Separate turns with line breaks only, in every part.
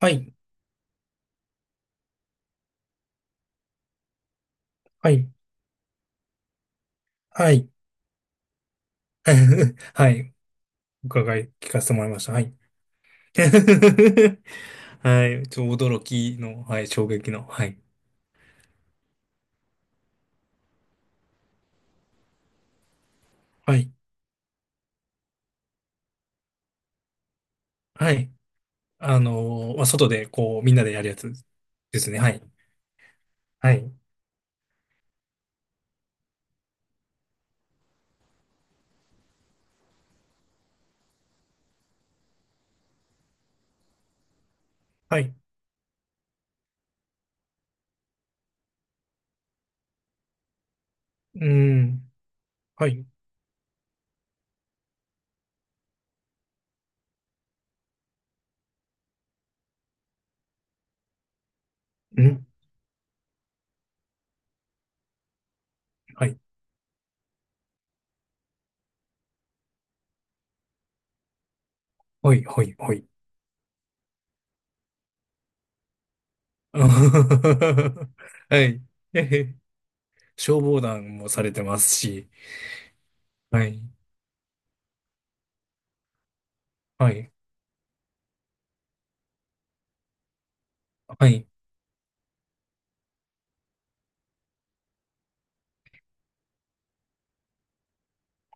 はい、はい、はい、はい、伺い聞かせてもらいました。はい。はい、驚きの、はい、衝撃の、はい、はい、はい。まあ、外で、こう、みんなでやるやつですね。はい、はい、はい、うん、はい、うん、はい、はい、はい、はい。はい。えへ消防団もされてますし、はい、はい、はい、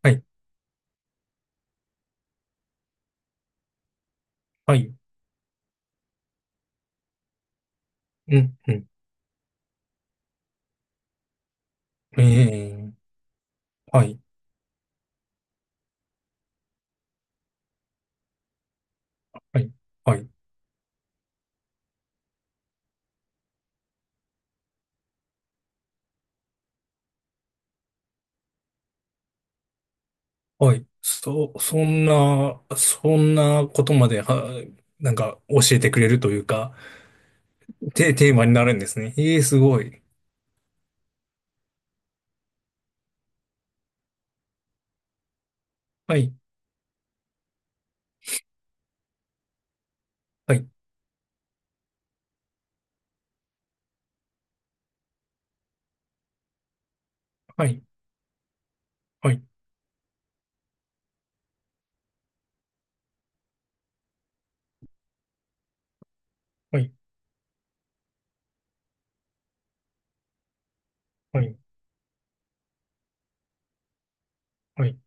はい、はい、うん、うん、ええ、はい。はい。はい。はい。そんなことまで、なんか教えてくれるというか、テーマになるんですね。ええ、すごい。はい。はい。はい。はい。はい。はい。はい。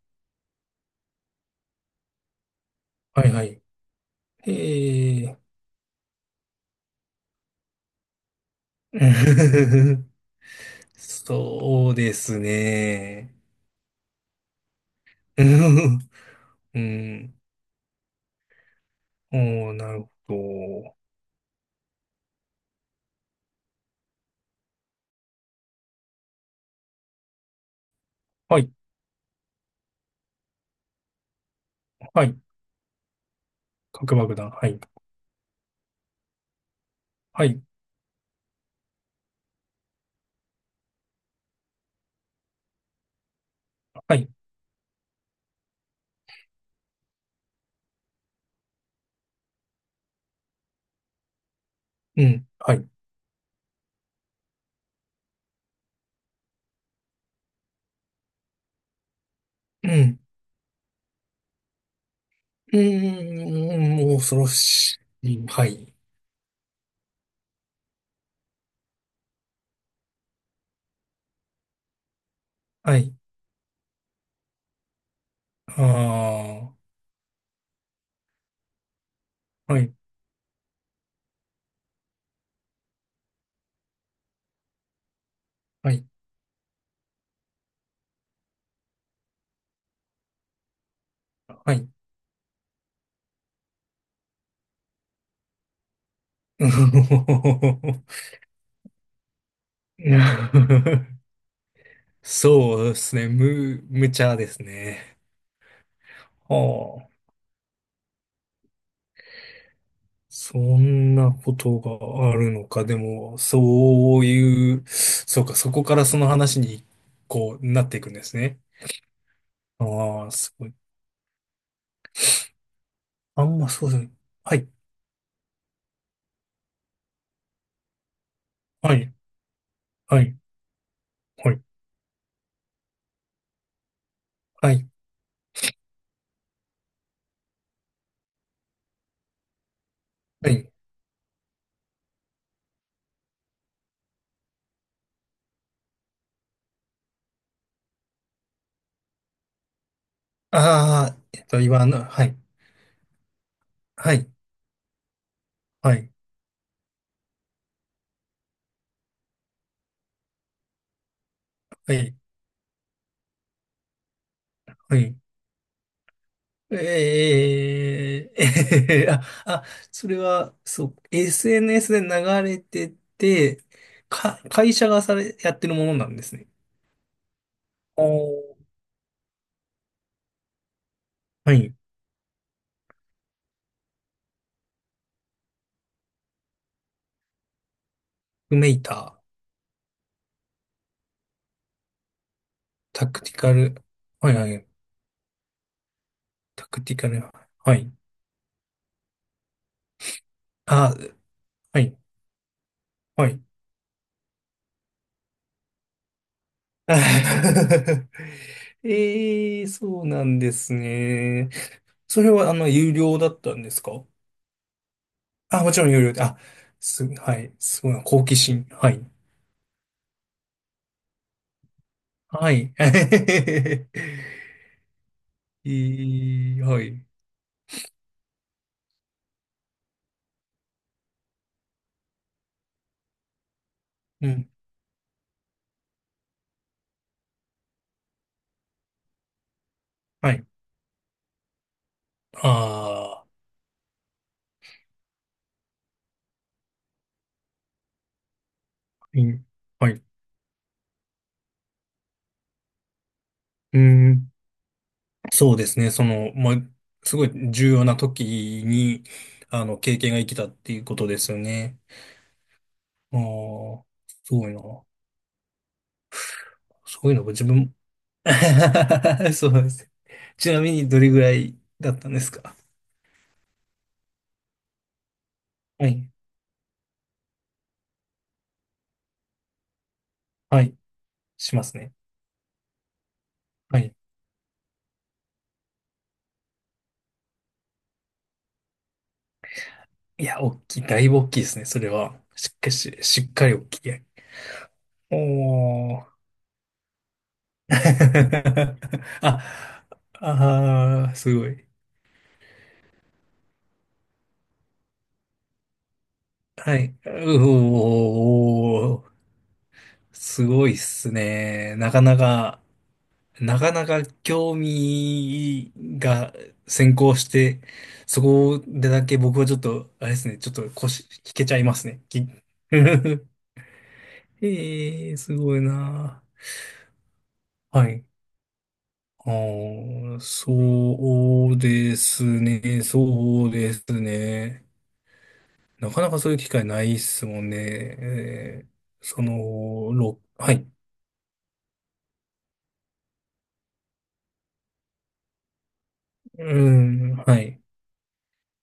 はい。はい、ええ。そうですね。うん。うん、おー、なるほど。はい。はい。核爆弾。はい。はい。はい。うん。はい。うん。うーん、恐ろしい。はい。はい。ああ、はい。はい。はい。そうですね。無茶ですね。はあ。そんなことがあるのか。でも、そういう、そうか、そこからその話に、こう、なっていくんですね。ああ、すごい。あんまそうですね。はい。はい。はい。はい。はい。はい。ああ、えっと、言のはい。はい、はい、はい、はい。ええ それは、そう、SNS で流れてて、会社がされ、やってるものなんですね。おー、はい。クメイター、タクティカル、はいはい、タクティカル、はい。あ、はい、はい。ええ、そうなんですね。それは、あの、有料だったんですか？あ、もちろん有料で、あ、はい、すごい、好奇心。はい。はい。えい、はい。うん。はい。ああ、うん。はい。うん。そうですね。その、まあ、すごい重要な時に、あの、経験が生きたっていうことですよね。ああ、すごいな。そういうのが自分も、そうなんです。ちなみにどれぐらいだったんですか？はい。はい。しますね。はい、いや、大きい、だいぶ大きいですね、それは。しっかりし、しっかり大きい。おー。あ、あー、すごい。はい。うおー、すごいっすね。なかなか、なかなか興味が先行して、そこでだけ僕はちょっと、あれですね、ちょっと腰引けちゃいますね。き ええー、すごいな。はい。あー、そうですね、そうですね。なかなかそういう機会ないっすもんね。えー、その、ろ、はい。うん、はい。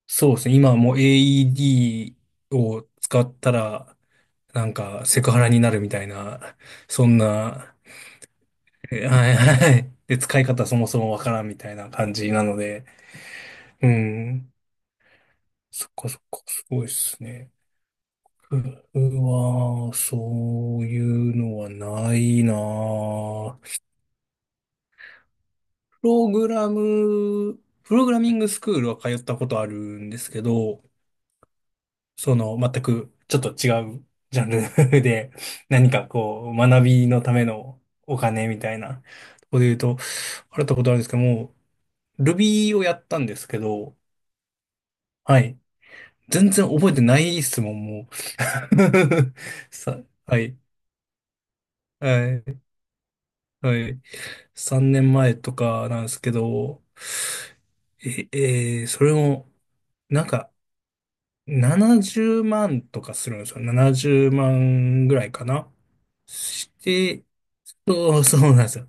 そうですね。今はもう AED を使ったら、なんかセクハラになるみたいな、そんな、え、はいはい。で、使い方そもそもわからんみたいな感じなので、うん。そっかそっか、すごいっすね。僕は、そういうのはないなぁ。プログラミングスクールは通ったことあるんですけど、その、全くちょっと違うジャンル で、何かこう、学びのためのお金みたいな、とこで言うと、払ったことあるんですけども、Ruby をやったんですけど、はい。全然覚えてない質問もんもう。さ、はい。はい。はい。3年前とかなんですけど、え、それも、なんか、70万とかするんですよ。70万ぐらいかな。して、そう、そうなんですよ。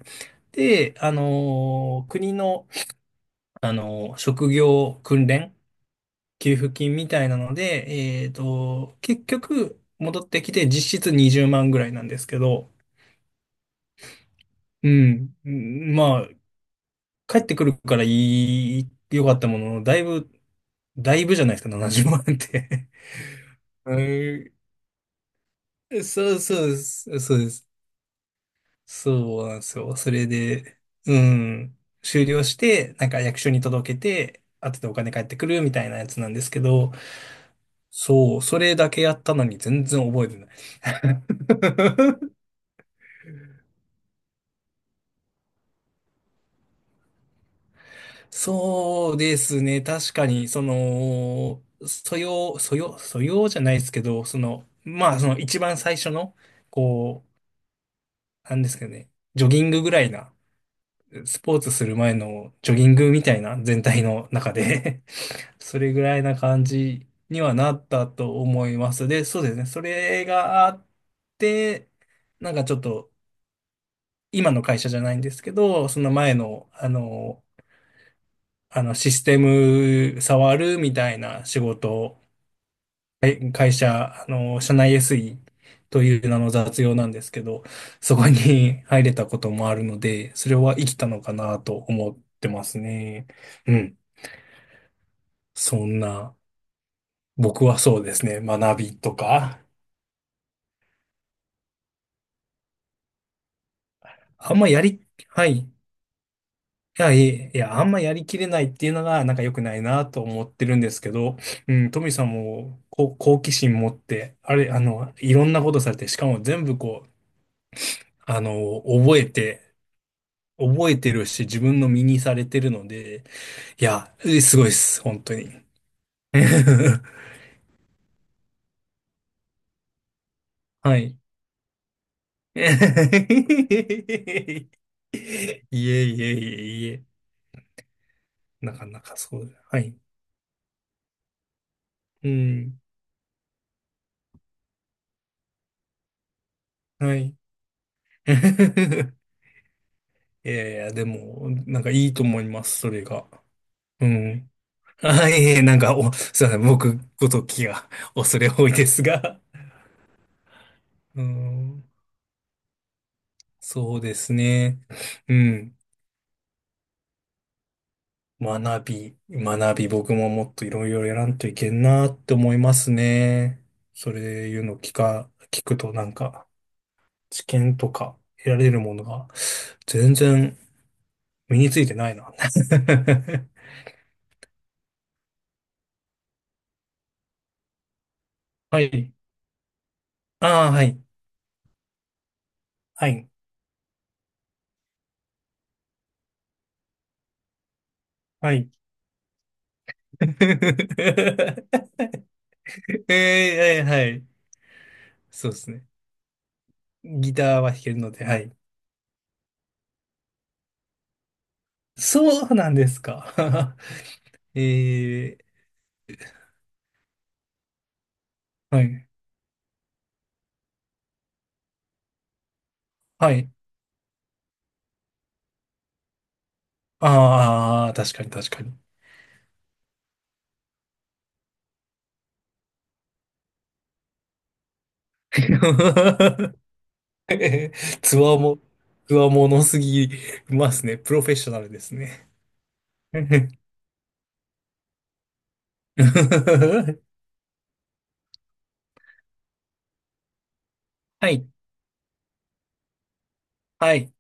で、国の、職業訓練給付金みたいなので、えっと、結局、戻ってきて実質20万ぐらいなんですけど、うん。うん、まあ、帰ってくるから良かったものの、だいぶじゃないですか、70万って。 うん、そうそうです。そうです。そうなんですよ。それで、うん、終了して、なんか役所に届けて、後でお金返ってくるみたいなやつなんですけど、そう、それだけやったのに全然覚えてない。そうですね。確かに、その、素養じゃないですけど、その、まあ、その一番最初の、こう、なんですけどね、ジョギングぐらいな、スポーツする前のジョギングみたいな全体の中で それぐらいな感じにはなったと思います。で、そうですね。それがあって、なんかちょっと、今の会社じゃないんですけど、その前の、あの、システム触るみたいな仕事を、会社、あの、社内 SE という名の雑用なんですけど、そこに 入れたこともあるので、それは生きたのかなと思ってますね。うん。そんな、僕はそうですね、学びとか、あんまやり、はい。いや、あんまやりきれないっていうのが、なんか良くないなと思ってるんですけど、うん、トミさんも、こう、好奇心持って、あれ、あの、いろんなことされて、しかも全部こう、あの、覚えてるし、自分の身にされてるので、いや、え、すごいです、本当に。はい。いえいえ、いえいえ、なかなかそうだ。はい。うん。はい。いやいや、でも、なんかいいと思います、それが。うん。あ、いえいえ、なんか、お、すいません、僕ごときが 恐れ多いですが。うん、そうですね。うん。学び、学び、僕ももっといろいろやらんといけんなって思いますね。それいうの聞くとなんか、知見とか得られるものが全然身についてないな。はい。ああ、はい。はい。はい。ええ、はいはい。そうですね。ギターは弾けるので、はい。そうなんですか。えー、はい。はい。ああ、確かに確かに。つわも、つわものすぎますね。プロフェッショナルですね。はい。はい。